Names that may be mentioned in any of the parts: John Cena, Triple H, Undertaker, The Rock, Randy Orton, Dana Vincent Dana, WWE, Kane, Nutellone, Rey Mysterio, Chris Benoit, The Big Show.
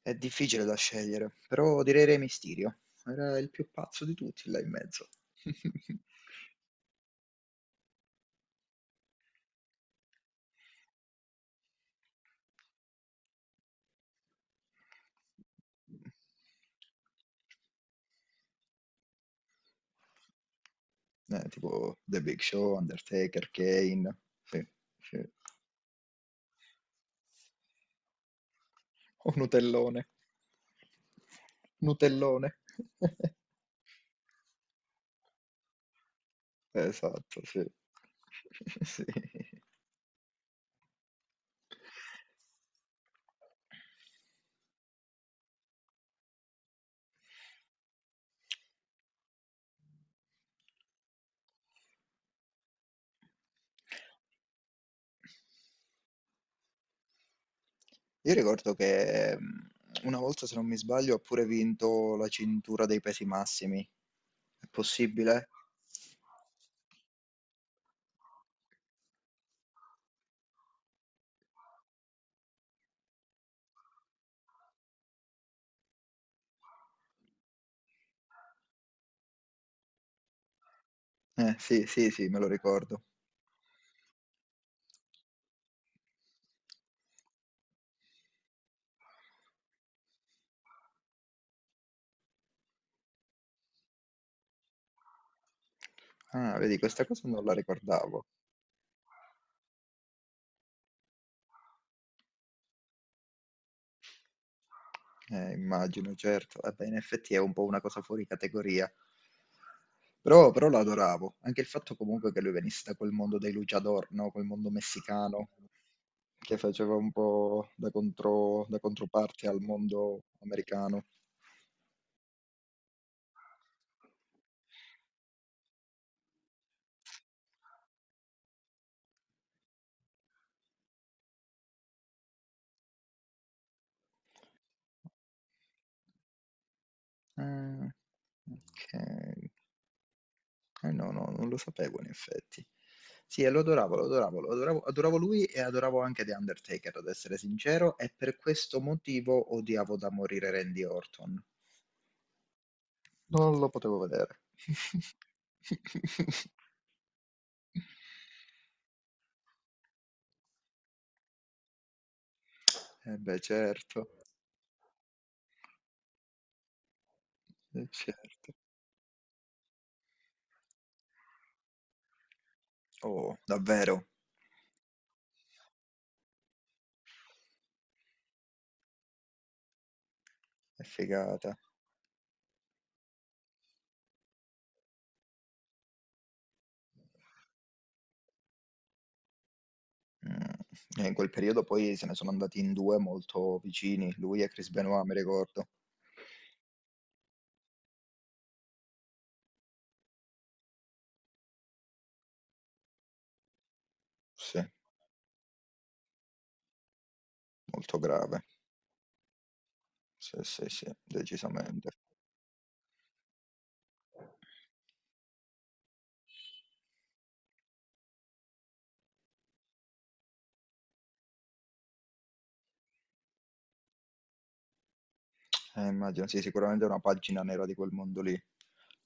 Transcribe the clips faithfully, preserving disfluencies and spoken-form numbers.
È difficile da scegliere, però direi Re Mysterio. Era il più pazzo di tutti là in mezzo. Eh, tipo The Big Show, Undertaker, Kane. Sì, sì. O Nutellone. Nutellone. Esatto, sì. Sì. Io ricordo che mh, una volta, se non mi sbaglio, ha pure vinto la cintura dei pesi massimi. È possibile? Eh, sì, sì, sì, me lo ricordo. Ah, vedi, questa cosa non la ricordavo. Eh, immagino, certo. Eh beh, in effetti è un po' una cosa fuori categoria. Però, però lo adoravo. Anche il fatto comunque che lui venisse da quel mondo dei luchador, no? Quel mondo messicano che faceva un po' da contro- da controparte al mondo americano. Ah, ok. Eh no, no, non lo sapevo in effetti. Sì, e lo adoravo, lo adoravo, lo adoravo, adoravo lui e adoravo anche The Undertaker, ad essere sincero, e per questo motivo odiavo da morire Randy Orton. Non lo potevo vedere. Eh beh, certo, eh, certo. Oh, davvero, è figata. Mm. E in quel periodo poi se ne sono andati in due molto vicini, lui e Chris Benoit, mi ricordo. Sì, molto grave. Sì, sì, sì, decisamente. Eh, immagino, sì, sicuramente è una pagina nera di quel mondo lì.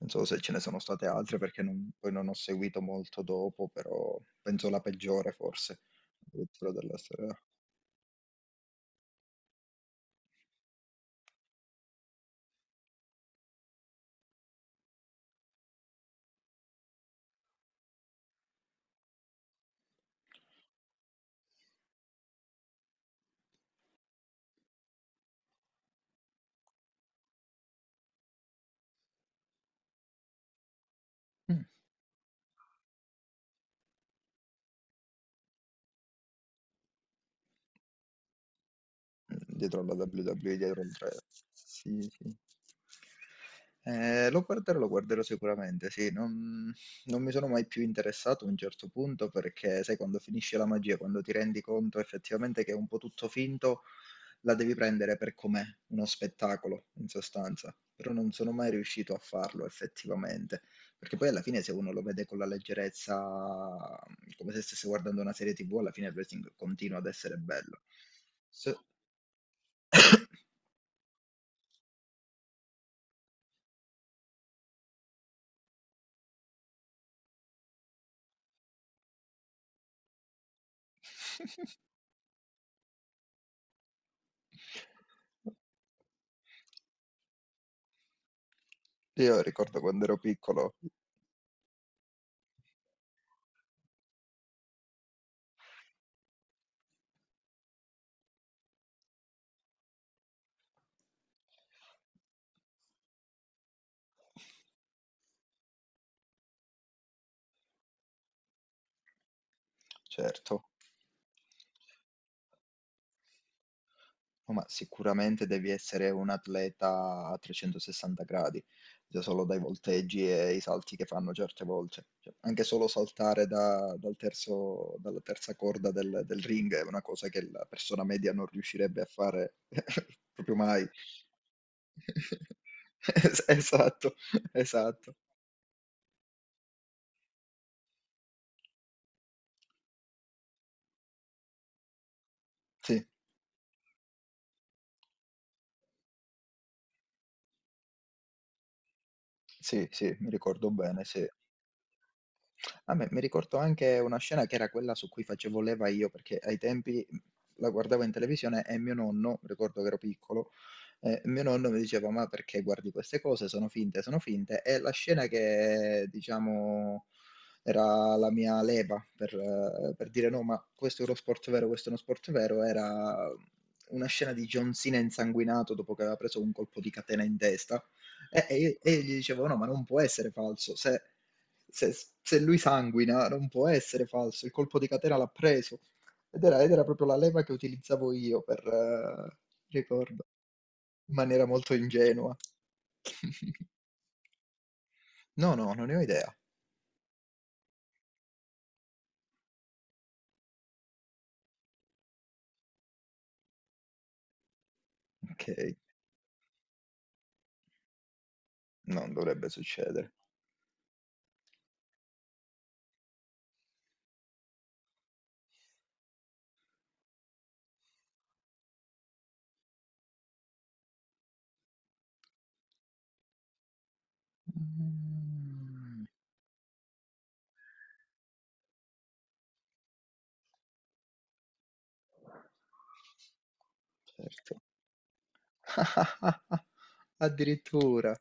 Non so se ce ne sono state altre perché non- poi non ho seguito molto dopo, però penso la peggiore forse, addirittura della storia. Mm. Dietro alla WWE, dietro il tre. Sì, sì. Eh, lo guarderò, lo guarderò sicuramente, sì. Non, non mi sono mai più interessato a un certo punto perché, sai, quando finisce la magia, quando ti rendi conto effettivamente che è un po' tutto finto. La devi prendere per com'è, uno spettacolo in sostanza, però non sono mai riuscito a farlo effettivamente, perché poi alla fine se uno lo vede con la leggerezza, come se stesse guardando una serie T V, alla fine il wrestling continua ad essere bello. Se- Io ricordo quando ero piccolo, certo. No, ma sicuramente devi essere un atleta a trecentosessanta gradi, già solo dai volteggi e i salti che fanno certe volte. Cioè, anche solo saltare da- dal terzo- dalla terza corda del, del ring è una cosa che la persona media non riuscirebbe a fare proprio mai. Es- Esatto, esatto. Sì, sì, sì, mi ricordo bene, sì. A me mi ricordo anche una scena che era quella su cui facevo leva io, perché ai tempi mhmm, la guardavo in televisione e mio nonno, ricordo che ero piccolo, eh, mio nonno mi diceva: "Ma perché guardi queste cose? Sono finte, sono finte." E la scena che, diciamo, era la mia leva per, eh, per dire: "No, ma questo è uno sport vero, questo è uno sport vero", era una scena di John Cena insanguinato dopo che aveva preso un colpo di catena in testa. E, e io, e io gli dicevo: "No, ma non può essere falso. Se se, se lui sanguina non può essere falso, il colpo di catena l'ha preso." Ed era, ed era proprio la leva che utilizzavo io per, eh, ricordo, in maniera molto ingenua. No, no, non ne ho idea. Ok, non dovrebbe succedere. Mm, certo. Addirittura.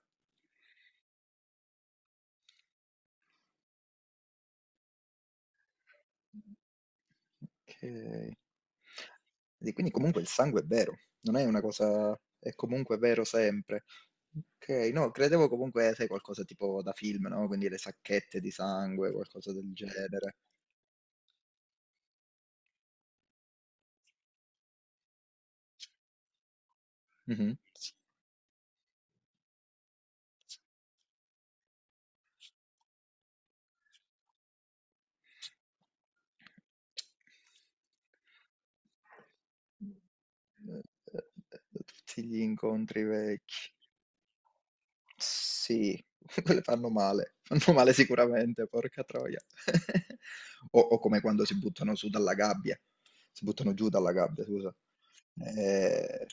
Okay. E quindi comunque il sangue è vero, non è una cosa, è comunque vero sempre. Okay, no, credevo comunque, sai, qualcosa tipo da film, no, quindi le sacchette di sangue, qualcosa del genere. Mh-mh. Ehm, ehm, ehm, tutti gli incontri vecchi. Sì, quelle fanno male, fanno male sicuramente, porca troia. O, o come quando si buttano su dalla gabbia, si buttano giù dalla gabbia, scusa. Eh,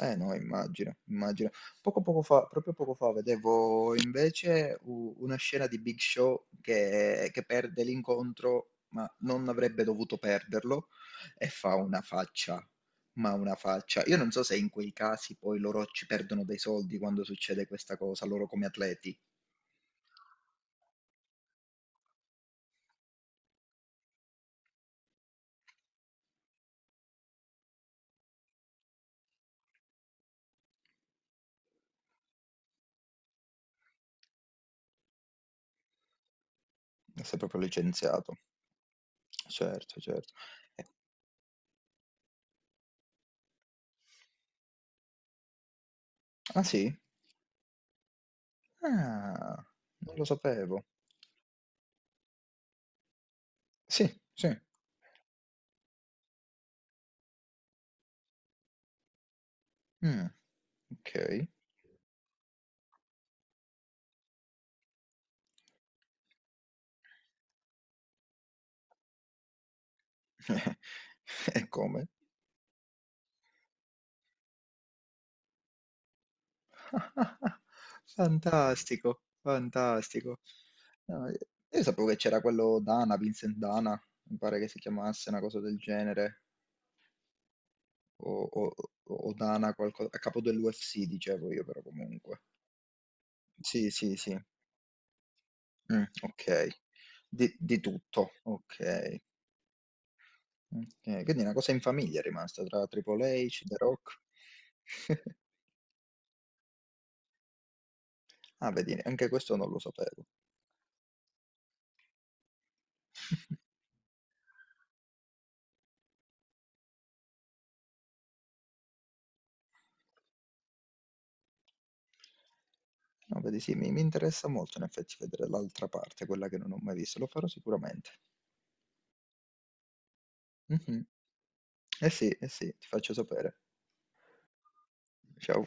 eh no, immagino, immagino. Poco poco fa proprio poco fa vedevo invece u una scena di Big Show che che perde l'incontro, ma non avrebbe dovuto perderlo, e fa una faccia, ma una faccia. Io non so se in quei casi poi loro ci perdono dei soldi quando succede questa cosa, loro come atleti. Sei proprio licenziato. Certo, certo. Eh, ah sì? Ah, non lo sapevo. Sì, sì. Mh, okay. E come? Fantastico, fantastico. No, io io sapevo che c'era quello Dana, Vincent Dana, mi pare che si chiamasse una cosa del genere, o, o- o Dana, qualcosa, a capo dell'U F C dicevo io però comunque. Sì, sì, sì. Mm, ok, di, di tutto, ok. Ok, quindi una cosa in famiglia è rimasta tra Triple H, The Rock. Ah, vedi, anche questo non lo sapevo. No, vedi, sì, mi mi interessa molto in effetti vedere l'altra parte, quella che non ho mai visto, lo farò sicuramente. Mhm. Eh sì, eh sì, ti faccio sapere. Ciao.